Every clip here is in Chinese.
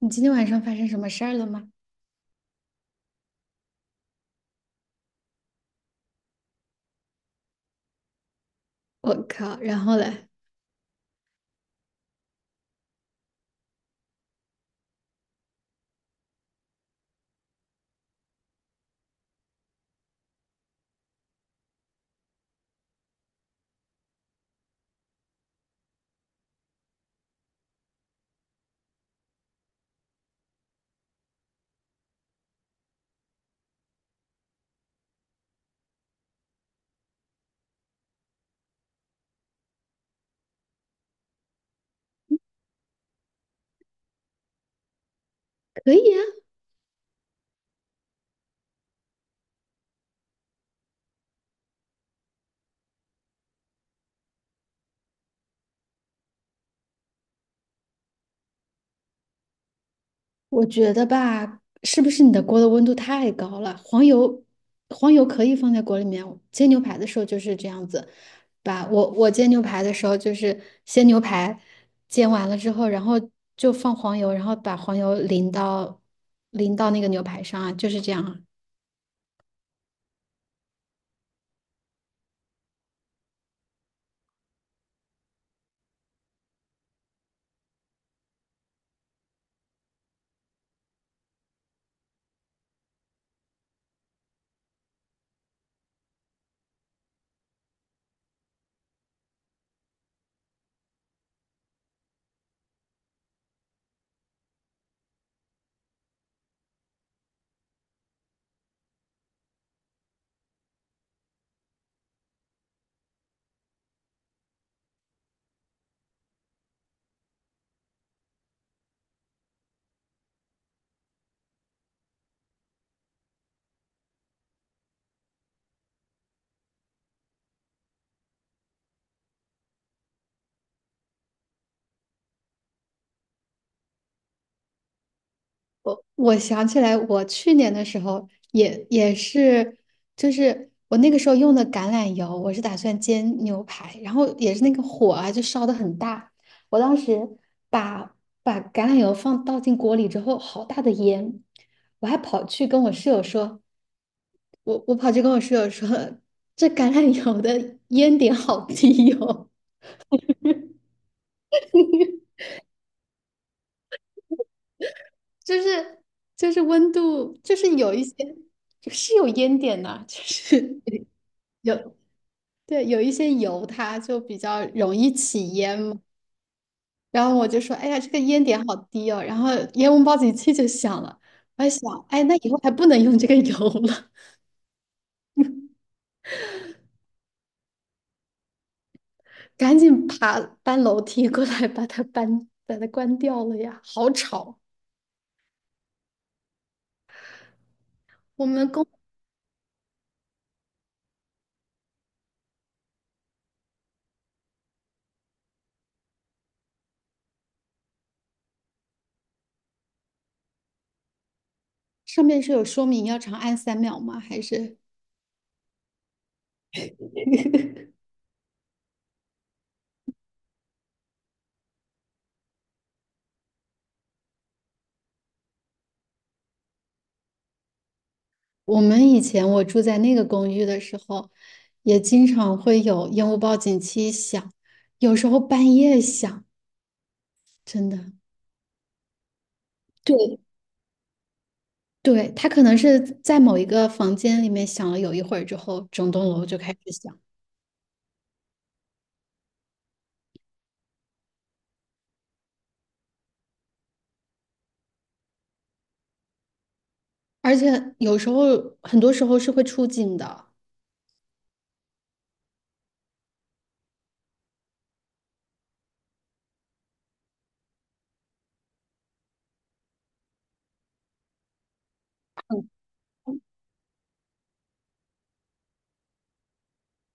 你今天晚上发生什么事儿了吗？我靠，然后嘞？可以啊。我觉得吧，是不是你的锅的温度太高了？黄油，黄油可以放在锅里面。煎牛排的时候就是这样子，我煎牛排的时候就是先牛排煎完了之后，然后就放黄油，然后把黄油淋到那个牛排上啊，就是这样啊。我想起来，我去年的时候也是，就是我那个时候用的橄榄油，我是打算煎牛排，然后也是那个火啊，就烧的很大。我当时把把橄榄油放倒进锅里之后，好大的烟，我还跑去跟我室友说，我我跑去跟我室友说，这橄榄油的烟点好低哦。就是就是温度，就是有一些是有烟点的，就是 有，对，有一些油它就比较容易起烟嘛。然后我就说，哎呀，这个烟点好低哦，然后烟雾报警器就响了，我还想，哎，那以后还不能用这个油了。赶紧搬楼梯过来把它关掉了呀，好吵！我们公上面是有说明要长按3秒吗？还是我们以前我住在那个公寓的时候，也经常会有烟雾报警器响，有时候半夜响，真的。对，对，他可能是在某一个房间里面想了有一会儿之后，整栋楼就开始响，而且有时候很多时候是会出警的。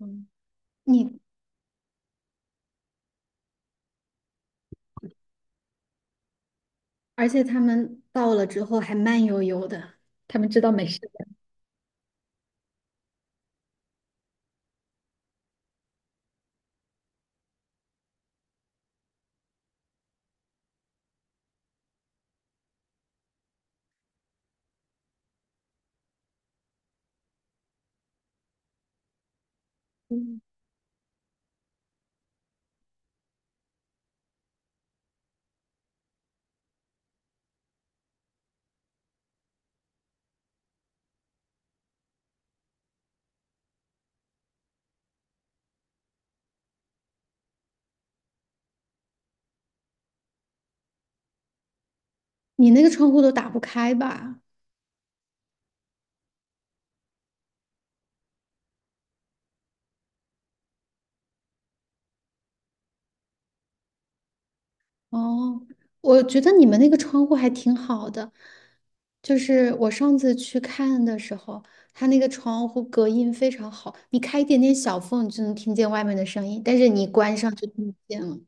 嗯。你而且他们到了之后还慢悠悠的，他们知道没事的。嗯。你那个窗户都打不开吧？哦，我觉得你们那个窗户还挺好的，就是我上次去看的时候，它那个窗户隔音非常好，你开一点点小缝，你就能听见外面的声音，但是你关上就听不见了。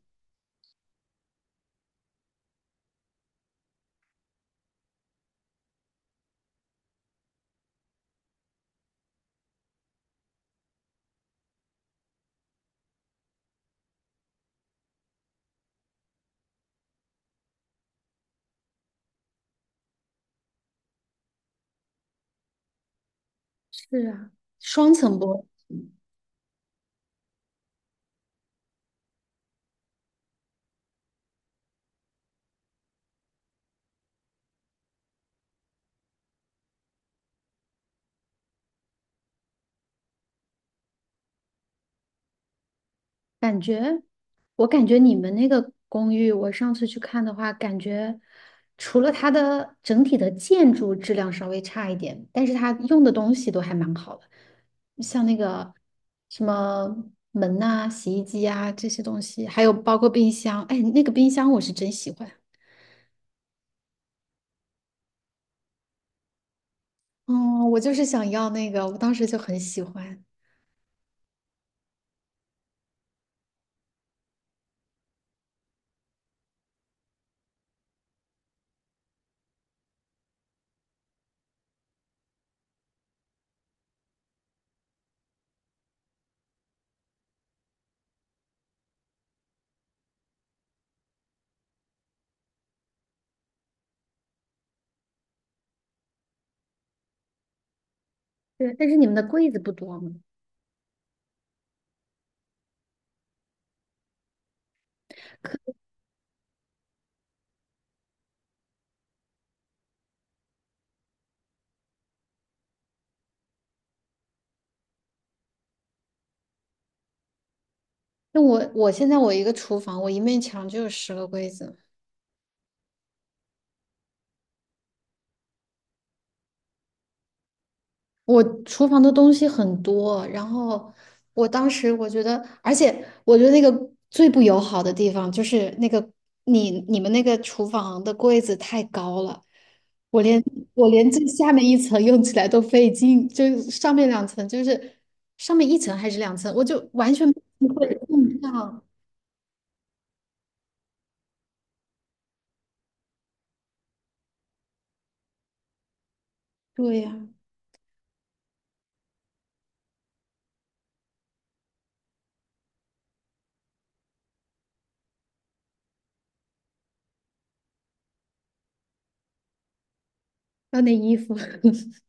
是啊，双层玻璃。感觉我感觉你们那个公寓，我上次去看的话，感觉除了它的整体的建筑质量稍微差一点，但是它用的东西都还蛮好的。像那个什么门呐、洗衣机啊这些东西，还有包括冰箱。哎，那个冰箱我是真喜欢。哦，我就是想要那个，我当时就很喜欢。对，但是你们的柜子不多吗？可，那我现在我一个厨房，我一面墙就有10个柜子。我厨房的东西很多，然后我当时我觉得，而且我觉得那个最不友好的地方就是那个你们那个厨房的柜子太高了，我连我连最下面一层用起来都费劲，就上面两层就是上面一层还是两层，我就完全碰不上。对呀、还有那衣服。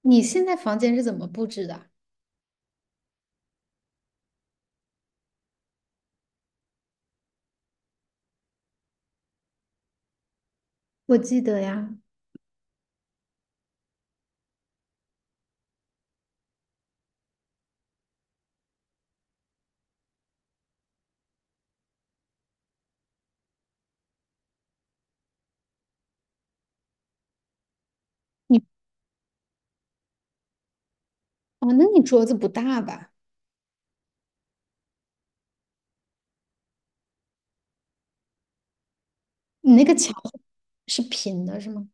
你现在房间是怎么布置的？我记得呀。你哦，那你桌子不大吧？你那个墙是平的是吗？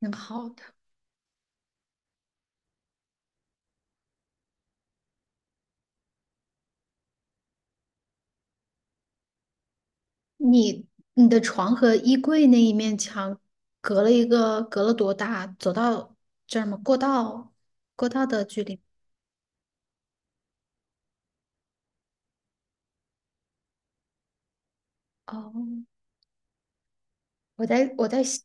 挺好的。你你的床和衣柜那一面墙隔了一个，隔了多大？走到这儿吗？过道，过道的距离。哦，我在想，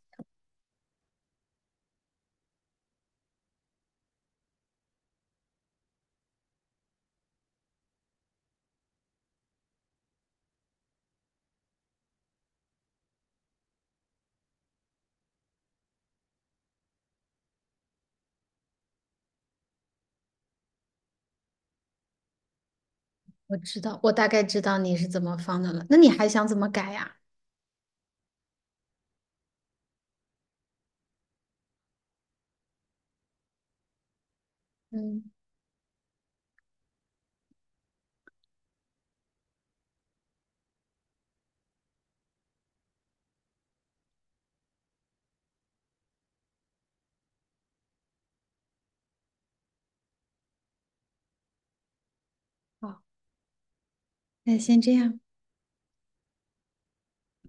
我知道，我大概知道你是怎么放的了。那你还想怎么改呀？嗯。好，那先这样。